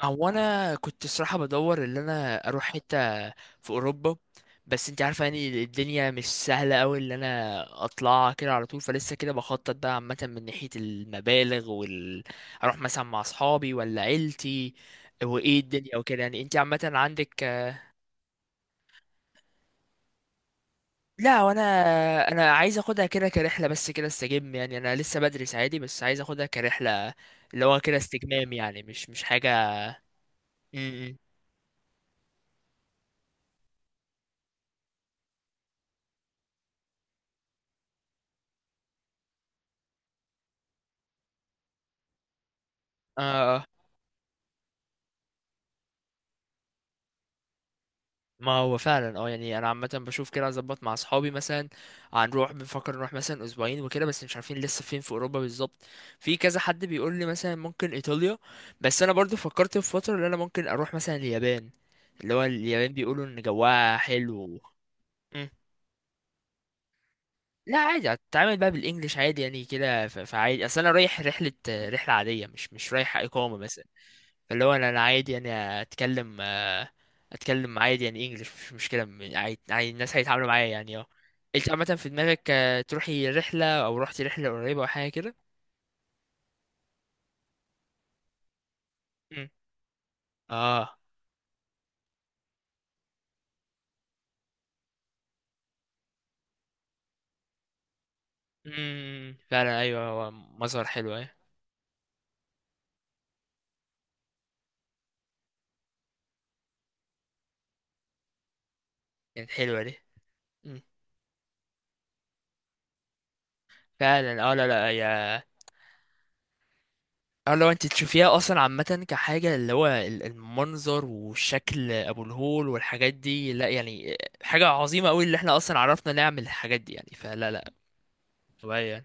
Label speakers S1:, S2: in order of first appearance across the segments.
S1: هو انا كنت الصراحه بدور ان انا اروح حته في اوروبا. بس انت عارفه، يعني الدنيا مش سهله قوي ان انا اطلع كده على طول، فلسه كده بخطط بقى عامه من ناحيه المبالغ اروح مثلا مع اصحابي ولا عيلتي، وايه الدنيا وكده، يعني انت عامه عندك. لا، وانا عايز اخدها كده كرحله، بس كده استجم، يعني انا لسه بدرس عادي بس عايز اخدها كرحله اللي هو كده استجمام، يعني مش حاجه. م- م. اه، ما هو فعلا، يعني انا عامه بشوف كده اظبط مع اصحابي مثلا، هنروح، بنفكر نروح مثلا اسبوعين وكده، بس مش عارفين لسه فين في اوروبا بالظبط. في كذا حد بيقول لي مثلا ممكن ايطاليا، بس انا برضو فكرت في فتره ان انا ممكن اروح مثلا اليابان، اللي هو اليابان بيقولوا ان جواها حلو. مم. لا عادي، هتتعامل بقى بالانجلش عادي يعني كده، فعادي، اصل انا رايح رحله عاديه، مش رايح اقامه مثلا. فاللي هو انا، عادي يعني، اتكلم اتكلم عادي يعني، انجلش مش مشكله، عادي، الناس هيتعاملوا معايا يعني اه. انت عامه في دماغك، تروحي رحله او رحتي رحله قريبه او حاجه كده؟ مم. اه، فعلا، ايوه، هو مظهر حلو ايه. كانت حلوه دي. مم. فعلا اه، لا لا، اه، لو انت تشوفيها اصلا عامه كحاجه اللي هو المنظر والشكل ابو الهول والحاجات دي، لا يعني، حاجه عظيمه قوي اللي احنا اصلا عرفنا نعمل الحاجات دي يعني، فلا لا. طبيعي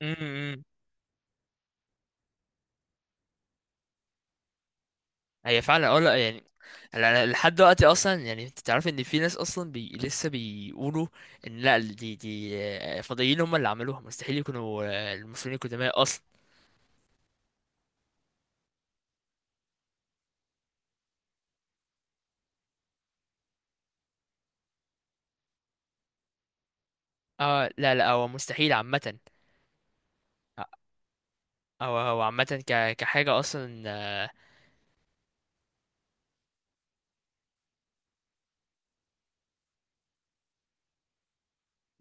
S1: يعني، هي فعلا اه، لا يعني، انا لحد دلوقتي اصلا يعني، انت تعرف ان في ناس اصلا لسه بيقولوا ان لا، دي، فضائيين هم اللي عملوها، مستحيل يكونوا المسلمين القدماء اصلا. اه لا لا، هو مستحيل عامة، او هو عامة كحاجة اصلا،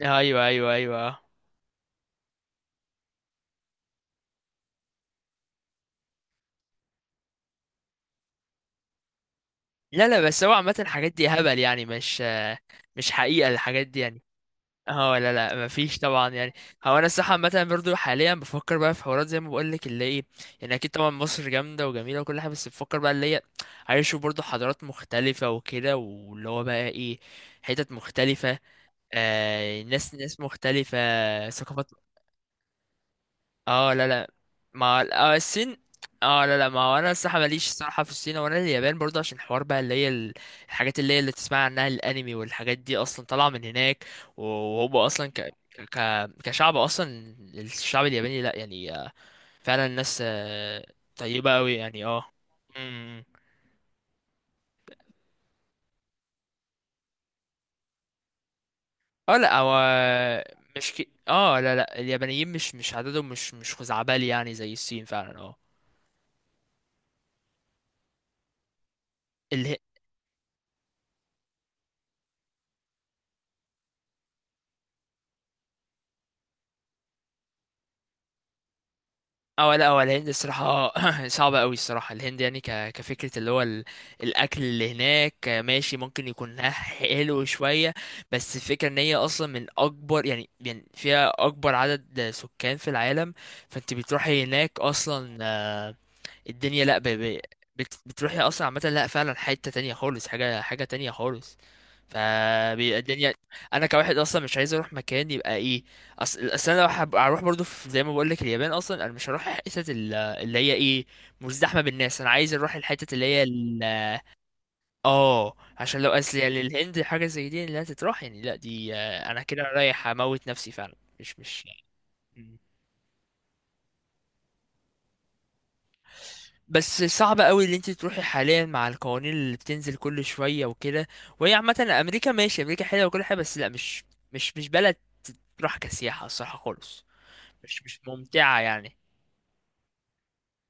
S1: ايوه ايوه ايوه. آه. لا لا، بس هو عامة الحاجات دي هبل يعني، مش، مش حقيقة الحاجات دي يعني. اه لا لا، مفيش طبعا يعني. هو انا الصراحه عامه برضو حاليا بفكر بقى في حوارات زي ما بقول لك اللي ايه، يعني اكيد طبعا مصر جامده وجميله وكل حاجه، بس بفكر بقى اللي هي عايز اشوف برضو حضارات مختلفه وكده، واللي هو بقى ايه، حتت مختلفه، ناس مختلفه، ثقافات. اه لا لا. ما الصين. اه لا لا، ما هو انا الصراحه ماليش الصراحه في الصين ولا اليابان برضه، عشان حوار بقى اللي هي الحاجات اللي هي اللي تسمع عنها الانمي والحاجات دي اصلا طالعه من هناك، وهو اصلا كشعب اصلا. الشعب الياباني، لا يعني، فعلا الناس، طيبه قوي يعني اه. امم اه لا، هو مش كي... اه، لا لا، اليابانيين مش، عددهم مش خزعبلي يعني زي الصين فعلا اه. اه لا، هو الهند الصراحة صعبة قوي الصراحة، الهند يعني كفكرة، اللي هو الأكل اللي هناك ماشي، ممكن يكون ها حلو شوية، بس الفكرة إن هي أصلا من أكبر، يعني فيها أكبر عدد سكان في العالم، فأنت بتروحي هناك أصلا الدنيا لا، بتروحي أصلا عامة، لا فعلا حتة تانية خالص، حاجة تانية خالص، فبيبقى الدنيا. انا كواحد اصلا مش عايز اروح مكان يبقى ايه، اصل انا لو هروح برضو في زي ما بقول لك اليابان، اصلا انا مش هروح الحتت اللي هي ايه، مزدحمه بالناس، انا عايز اروح الحتت اللي هي اه، عشان لو اصل يعني الهند حاجه زي دي اللي هتتروح يعني، لا دي، انا كده رايح اموت نفسي فعلا، مش مش. مم. بس صعب قوي اللي انت تروحي حاليا مع القوانين اللي بتنزل كل شويه وكده، وهي عامه امريكا ماشي، امريكا حلوه وكل حاجه، بس لا، مش بلد تروح كسياحه الصراحه خالص، مش ممتعة يعني،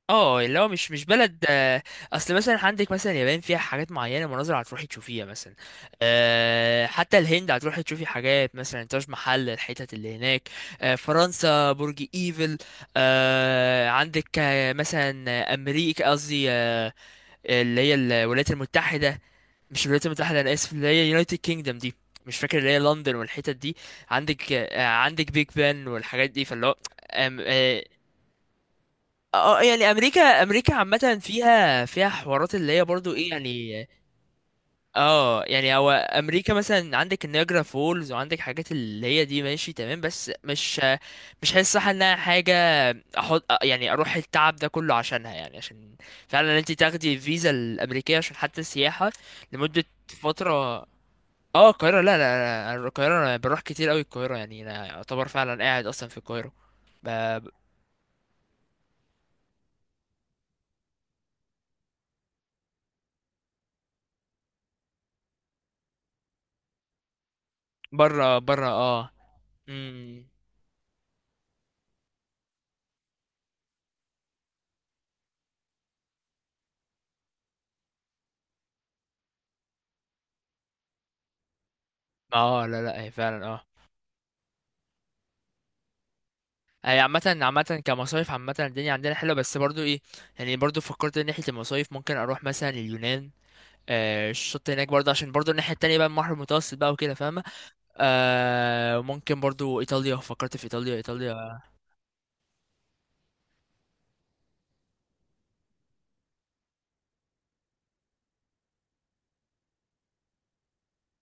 S1: اه اللي هو مش بلد، اصل مثلا عندك مثلا اليابان فيها حاجات معينة، مناظر هتروحي تشوفيها مثلا، حتى الهند هتروحي تشوفي حاجات مثلا تاج محل، الحتت اللي هناك، فرنسا برج ايفل، عندك، مثلا امريكا قصدي، اللي هي الولايات المتحدة. مش الولايات المتحدة، انا اسف، اللي هي يونايتد كينجدم دي، مش فاكر، اللي هي لندن والحتت دي، عندك بيج بان والحاجات دي، فاللي هو اه، يعني امريكا، عامه فيها حوارات اللي هي برضو ايه يعني، اه، يعني هو امريكا مثلا عندك النياجرا فولز وعندك حاجات اللي هي دي ماشي تمام، بس مش حاسس صح انها حاجه احط، يعني اروح التعب ده كله عشانها، يعني عشان فعلا انت تاخدي الفيزا الامريكيه عشان حتى السياحه لمده فتره. اه القاهره، لا لا لا، أنا القاهره انا بروح كتير قوي القاهره، يعني انا اعتبر فعلا قاعد اصلا في القاهره، ب- بره بره اه. مم. اه لا لا، هي فعلا اه. هي عامة كمصايف، عامة الدنيا عندنا حلوة، بس برضو ايه، يعني برضو فكرت ان ناحية المصايف ممكن اروح مثلا اليونان، الشط هناك برضو، عشان برضو الناحية التانية بقى البحر المتوسط بقى وكده فاهمة، ممكن برضو ايطاليا، فكرت في ايطاليا ايطاليا.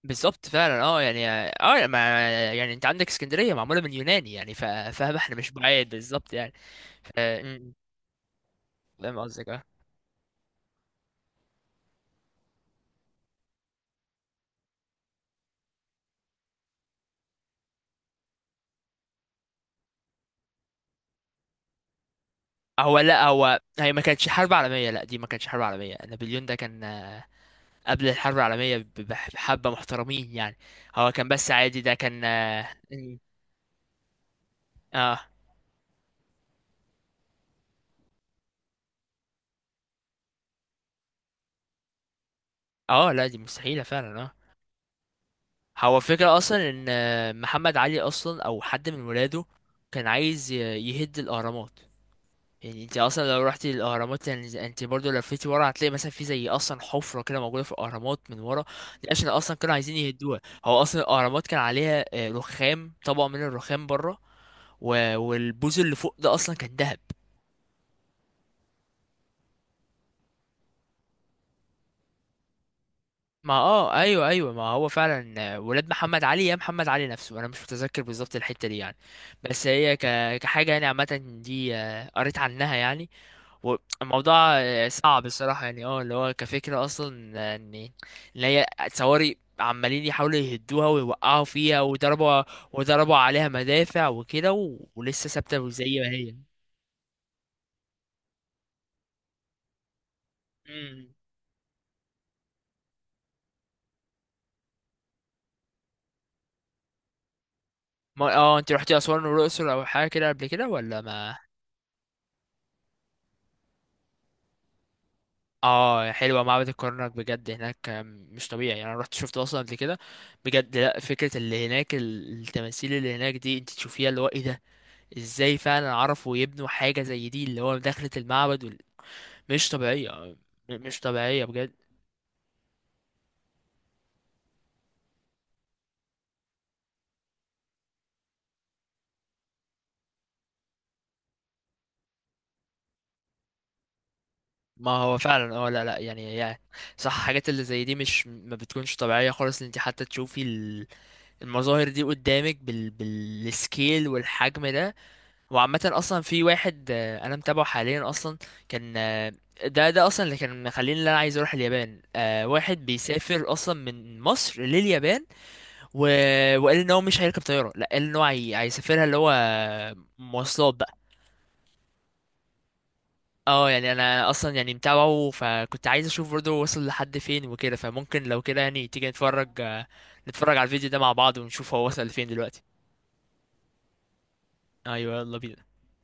S1: بالظبط فعلا اه، يعني يعني، ما يعني انت عندك اسكندرية معمولة من يوناني، يعني فاهم، احنا مش بعيد بالظبط يعني. ف- م- م. فاهم قصدك اه. هو لا، هي ما كانتش حرب عالمية، لا دي ما كانتش حرب عالمية، نابليون ده كان قبل الحرب العالمية بحبة محترمين يعني، هو كان بس عادي، ده كان اه اه. لا دي مستحيلة فعلا اه. هو الفكرة اصلا ان محمد علي اصلا او حد من ولاده كان عايز يهد الاهرامات، يعني انت اصلا لو رحتي الاهرامات يعني، انت برضو لفيتي ورا هتلاقي مثلا في زي اصلا حفرة كده موجودة في الاهرامات من ورا، دي عشان اصلا كانوا عايزين يهدوها، هو اصلا الاهرامات كان عليها، رخام، طبقة من الرخام بره، والبوز اللي فوق ده اصلا كان ذهب. ما اه ايوه ايوه، ما هو فعلا ولاد محمد علي يا محمد علي نفسه، انا مش متذكر بالظبط الحته دي يعني، بس هي كحاجه يعني عامه دي، قريت عنها يعني، والموضوع صعب الصراحه يعني، اللي هو كفكره اصلا، ان هي تصوري عمالين يحاولوا يهدوها ويوقعوا فيها، وضربوا عليها مدافع وكده، ولسه ثابته زي ما هي. مم. ما انت رحتي اسوان والاقصر او حاجه كده قبل كده ولا ما؟ اه حلوه، معبد الكرنك بجد هناك، مش طبيعي يعني، انا رحت شفت اصلا قبل كده بجد، لا فكره اللي هناك التماثيل اللي هناك دي انت تشوفيها اللي هو ايه ده، ازاي فعلا عرفوا يبنوا حاجه زي دي، اللي هو دخلة المعبد مش طبيعيه، مش طبيعيه بجد. ما هو فعلا لا لا يعني صح، حاجات اللي زي دي مش ما بتكونش طبيعيه خالص ان انت حتى تشوفي المظاهر دي قدامك بالسكيل والحجم ده. وعامة أصلا في واحد، أنا متابعه حاليا أصلا، كان ده أصلا اللي كان مخليني اللي أنا عايز أروح اليابان، واحد بيسافر أصلا من مصر لليابان و... وقال إن هو مش هيركب طيارة، لأ، قال إن هو هيسافرها اللي هو مواصلات بقى. اه، يعني أنا أصلا يعني متابعه، فكنت عايز أشوف برضه وصل لحد فين وكده، فممكن لو كده يعني تيجي نتفرج على الفيديو ده مع بعض، ونشوف هو وصل لفين دلوقتي. أيوه يلا بينا.